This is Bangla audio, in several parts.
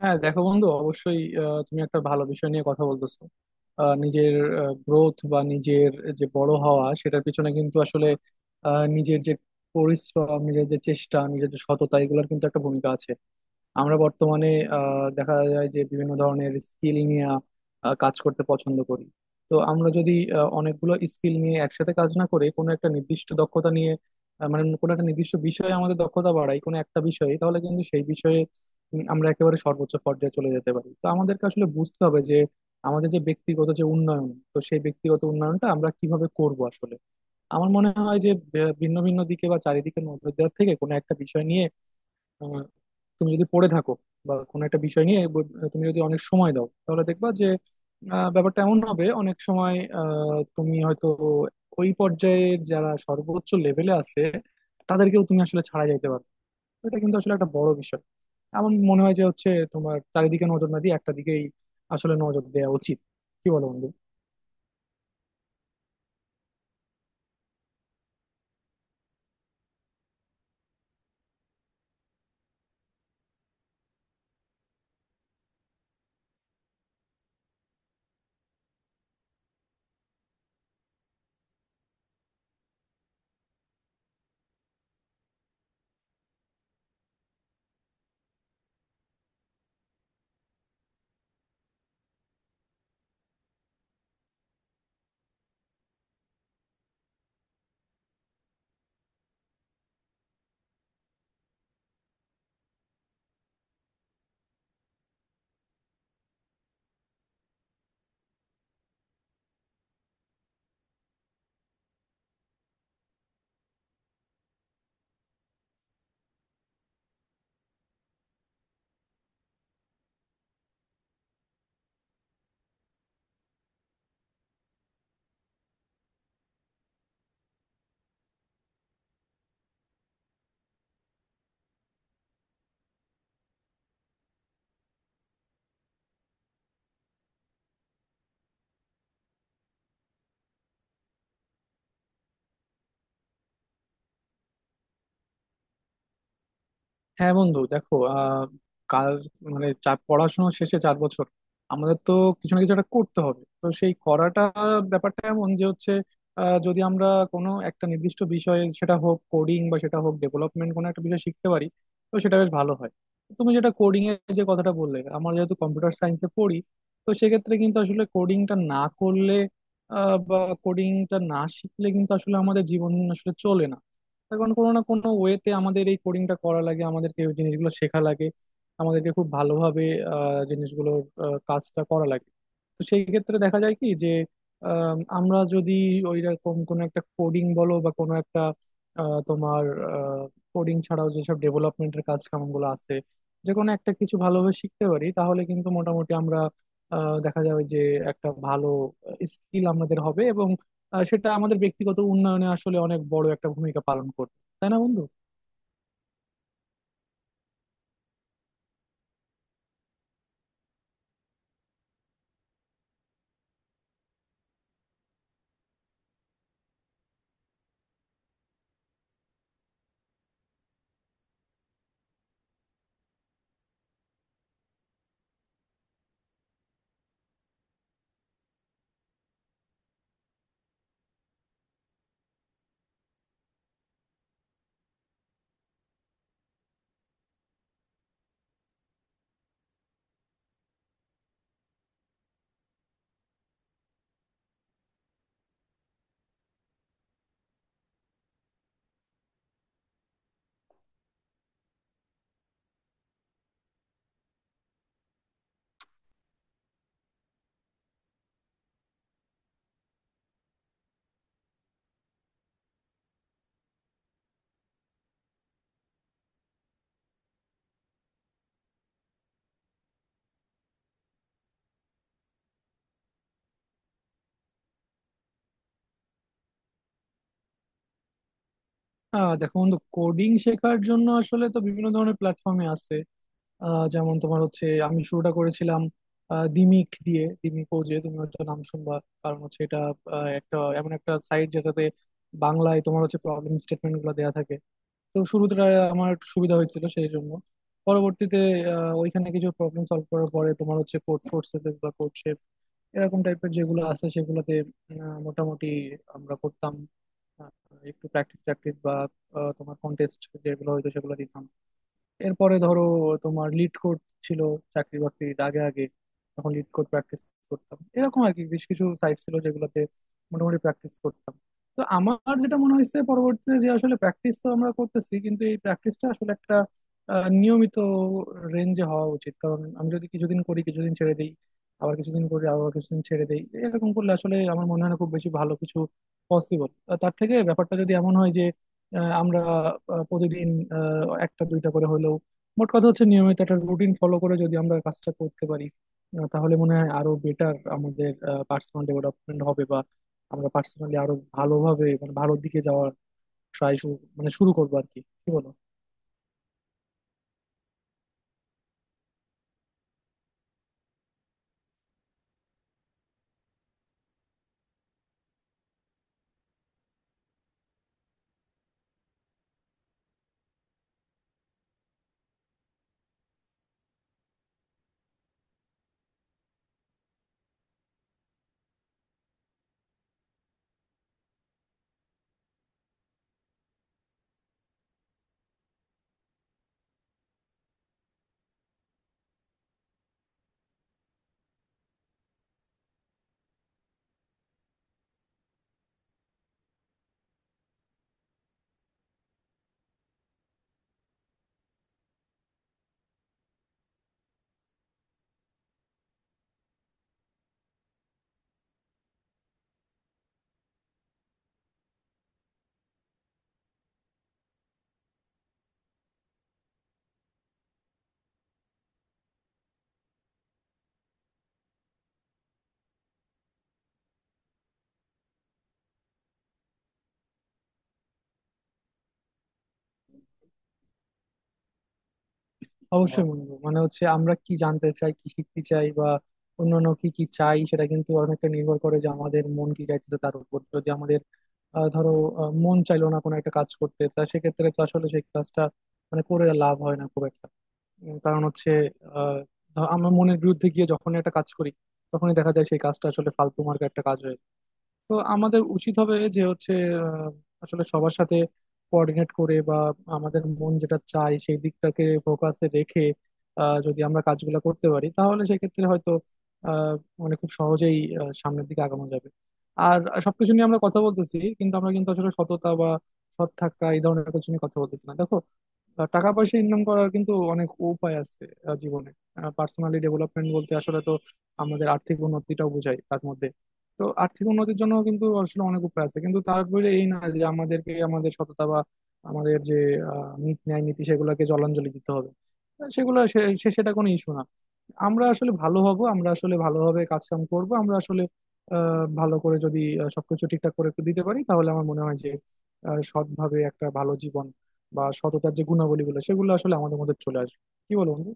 হ্যাঁ দেখো বন্ধু অবশ্যই তুমি একটা ভালো বিষয় নিয়ে কথা বলতেছো। নিজের গ্রোথ বা নিজের যে বড় হওয়া সেটার পিছনে কিন্তু আসলে নিজের যে পরিশ্রম নিজের যে চেষ্টা নিজের যে সততা এগুলোর কিন্তু একটা ভূমিকা আছে। আমরা বর্তমানে দেখা যায় যে বিভিন্ন ধরনের স্কিল নিয়ে কাজ করতে পছন্দ করি। তো আমরা যদি অনেকগুলো স্কিল নিয়ে একসাথে কাজ না করে কোনো একটা নির্দিষ্ট দক্ষতা নিয়ে, মানে কোনো একটা নির্দিষ্ট বিষয়ে আমাদের দক্ষতা বাড়াই কোনো একটা বিষয়ে, তাহলে কিন্তু সেই বিষয়ে আমরা একেবারে সর্বোচ্চ পর্যায়ে চলে যেতে পারি। তো আমাদেরকে আসলে বুঝতে হবে যে আমাদের যে ব্যক্তিগত যে উন্নয়ন, তো সেই ব্যক্তিগত উন্নয়নটা আমরা কিভাবে করব আসলে। আমার মনে হয় যে ভিন্ন ভিন্ন দিকে বা চারিদিকের নজর দেওয়ার থেকে কোনো একটা বিষয় নিয়ে আহ, তুমি যদি পড়ে থাকো বা কোনো একটা বিষয় নিয়ে তুমি যদি অনেক সময় দাও তাহলে দেখবা যে ব্যাপারটা এমন হবে অনেক সময় তুমি হয়তো ওই পর্যায়ের যারা সর্বোচ্চ লেভেলে আছে তাদেরকেও তুমি আসলে ছাড়া যাইতে পারো। এটা কিন্তু আসলে একটা বড় বিষয়। আমার মনে হয় যে হচ্ছে তোমার চারিদিকে নজর না দিয়ে একটা দিকেই আসলে নজর দেওয়া উচিত। কি বলো বন্ধু? হ্যাঁ বন্ধু দেখো আহ, কাল মানে পড়াশোনা শেষে 4 বছর আমাদের তো কিছু না কিছু একটা করতে হবে। তো সেই করাটা, ব্যাপারটা এমন যে হচ্ছে যদি আমরা কোনো একটা নির্দিষ্ট বিষয়ে, সেটা হোক কোডিং বা সেটা হোক ডেভেলপমেন্ট, কোনো একটা বিষয় শিখতে পারি তো সেটা বেশ ভালো হয়। তুমি যেটা কোডিং এর যে কথাটা বললে, আমরা যেহেতু কম্পিউটার সায়েন্সে পড়ি তো সেক্ষেত্রে কিন্তু আসলে কোডিংটা না করলে বা কোডিংটা না শিখলে কিন্তু আসলে আমাদের জীবন আসলে চলে না। এখন কোনো না কোনো ওয়েতে আমাদের এই কোডিংটা করা লাগে, আমাদেরকে এই জিনিসগুলো শেখা লাগে। আমাদেরকে খুব ভালোভাবে জিনিসগুলোর কাজটা করা লাগে। তো সেই ক্ষেত্রে দেখা যায় কি যে আমরা যদি ওই রকম কোনো একটা কোডিং বলো বা কোনো একটা তোমার কোডিং ছাড়াও যেসব ডেভেলপমেন্টের কাজ কামগুলো আছে, যে কোনো একটা কিছু ভালোভাবে শিখতে পারি তাহলে কিন্তু মোটামুটি আমরা দেখা যাবে যে একটা ভালো স্কিল আমাদের হবে, এবং সেটা আমাদের ব্যক্তিগত উন্নয়নে আসলে অনেক বড় একটা ভূমিকা পালন করবে। তাই না বন্ধু? আহ, দেখো বন্ধু কোডিং শেখার জন্য আসলে তো বিভিন্ন ধরনের প্ল্যাটফর্মে আছে। যেমন তোমার হচ্ছে আমি শুরুটা করেছিলাম দিমিক দিয়ে। দিমিক ওজে তুমি হয়তো নাম শুনবা, কারণ হচ্ছে এটা একটা এমন একটা সাইট যেটাতে বাংলায় তোমার হচ্ছে প্রবলেম স্টেটমেন্ট গুলো দেওয়া থাকে। তো শুরুতে আমার একটু সুবিধা হয়েছিল সেই জন্য। পরবর্তীতে ওইখানে কিছু প্রবলেম সলভ করার পরে তোমার হচ্ছে কোড ফোর্সেস বা কোড শেপ এরকম টাইপের যেগুলো আছে সেগুলোতে মোটামুটি আমরা করতাম, আহ, একটু প্র্যাকটিস প্র্যাকটিস বা তোমার কন্টেস্ট যেগুলো হয়তো সেগুলো দিতাম। এরপরে ধরো তোমার লিড কোড ছিল চাকরি বাকরির আগে আগে। তখন লিড কোড প্র্যাকটিস করতাম, এরকম আর কি বেশ কিছু সাইট ছিল যেগুলোতে মোটামুটি প্র্যাকটিস করতাম। তো আমার যেটা মনে হয়েছে পরবর্তীতে যে আসলে প্র্যাকটিস তো আমরা করতেছি কিন্তু এই প্র্যাকটিসটা আসলে একটা নিয়মিত রেঞ্জে হওয়া উচিত, কারণ আমি যদি কিছুদিন করি কিছুদিন ছেড়ে দিই, আবার কিছুদিন করি আবার কিছুদিন ছেড়ে দিই, এরকম করলে আসলে আমার মনে হয় না খুব বেশি ভালো কিছু পসিবল। তার থেকে ব্যাপারটা যদি এমন হয় যে আমরা প্রতিদিন একটা দুইটা করে হলেও, মোট কথা হচ্ছে নিয়মিত একটা রুটিন ফলো করে যদি আমরা কাজটা করতে পারি তাহলে মনে হয় আরো বেটার আমাদের পার্সোনাল ডেভেলপমেন্ট হবে, বা আমরা পার্সোনালি আরো ভালোভাবে মানে ভালোর দিকে যাওয়ার ট্রাই শুরু, মানে শুরু করবো আর কি। কি বলো? অবশ্যই বন্ধু, মানে হচ্ছে আমরা কি জানতে চাই কি শিখতে চাই বা অন্যান্য কি কি চাই সেটা কিন্তু অনেকটা নির্ভর করে যে আমাদের মন কি চাইতেছে তার উপর। যদি আমাদের ধরো মন চাইলো না কোনো একটা কাজ করতে, তা সেক্ষেত্রে তো আসলে সেই কাজটা মানে করে লাভ হয় না খুব একটা। কারণ হচ্ছে আহ আমরা মনের বিরুদ্ধে গিয়ে যখন একটা কাজ করি, তখনই দেখা যায় সেই কাজটা আসলে ফালতু মার্কা একটা কাজ হয়ে গেল। তো আমাদের উচিত হবে যে হচ্ছে আহ, আসলে সবার সাথে কোঅর্ডিনেট করে বা আমাদের মন যেটা চায় সেই দিকটাকে ফোকাসে রেখে যদি আমরা কাজগুলো করতে পারি তাহলে সেক্ষেত্রে হয়তো আহ, মানে খুব সহজেই সামনের দিকে আগানো যাবে। আর সবকিছু নিয়ে আমরা কথা বলতেছি কিন্তু আমরা কিন্তু আসলে সততা বা সৎ থাকা এই ধরনের কিছু নিয়ে কথা বলতেছি না, দেখো আহ, টাকা পয়সা ইনকাম করার কিন্তু অনেক উপায় আছে আহ, জীবনে। পার্সোনালি ডেভেলপমেন্ট বলতে আসলে তো আমাদের আর্থিক উন্নতিটাও বোঝায় তার মধ্যে। তো আর্থিক উন্নতির জন্য কিন্তু আসলে অনেক উপায় আছে, কিন্তু তারপরে এই না যে আমাদেরকে আমাদের সততা বা আমাদের যে নীতি ন্যায় নীতি সেগুলোকে জলাঞ্জলি দিতে হবে। সেগুলো সে সে- সেটা কোনো ইস্যু না। আমরা আসলে ভালো হব, আমরা আসলে ভালোভাবে কাজ কাম করবো, আমরা আসলে ভালো করে যদি সবকিছু ঠিকঠাক করে একটু দিতে পারি তাহলে আমার মনে হয় যে সৎভাবে একটা ভালো জীবন বা সততার যে গুণাবলীগুলো সেগুলো আসলে আমাদের মধ্যে চলে আসবে। কি বলো বন্ধু?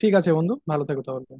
ঠিক আছে বন্ধু, ভালো থেকো তাহলে।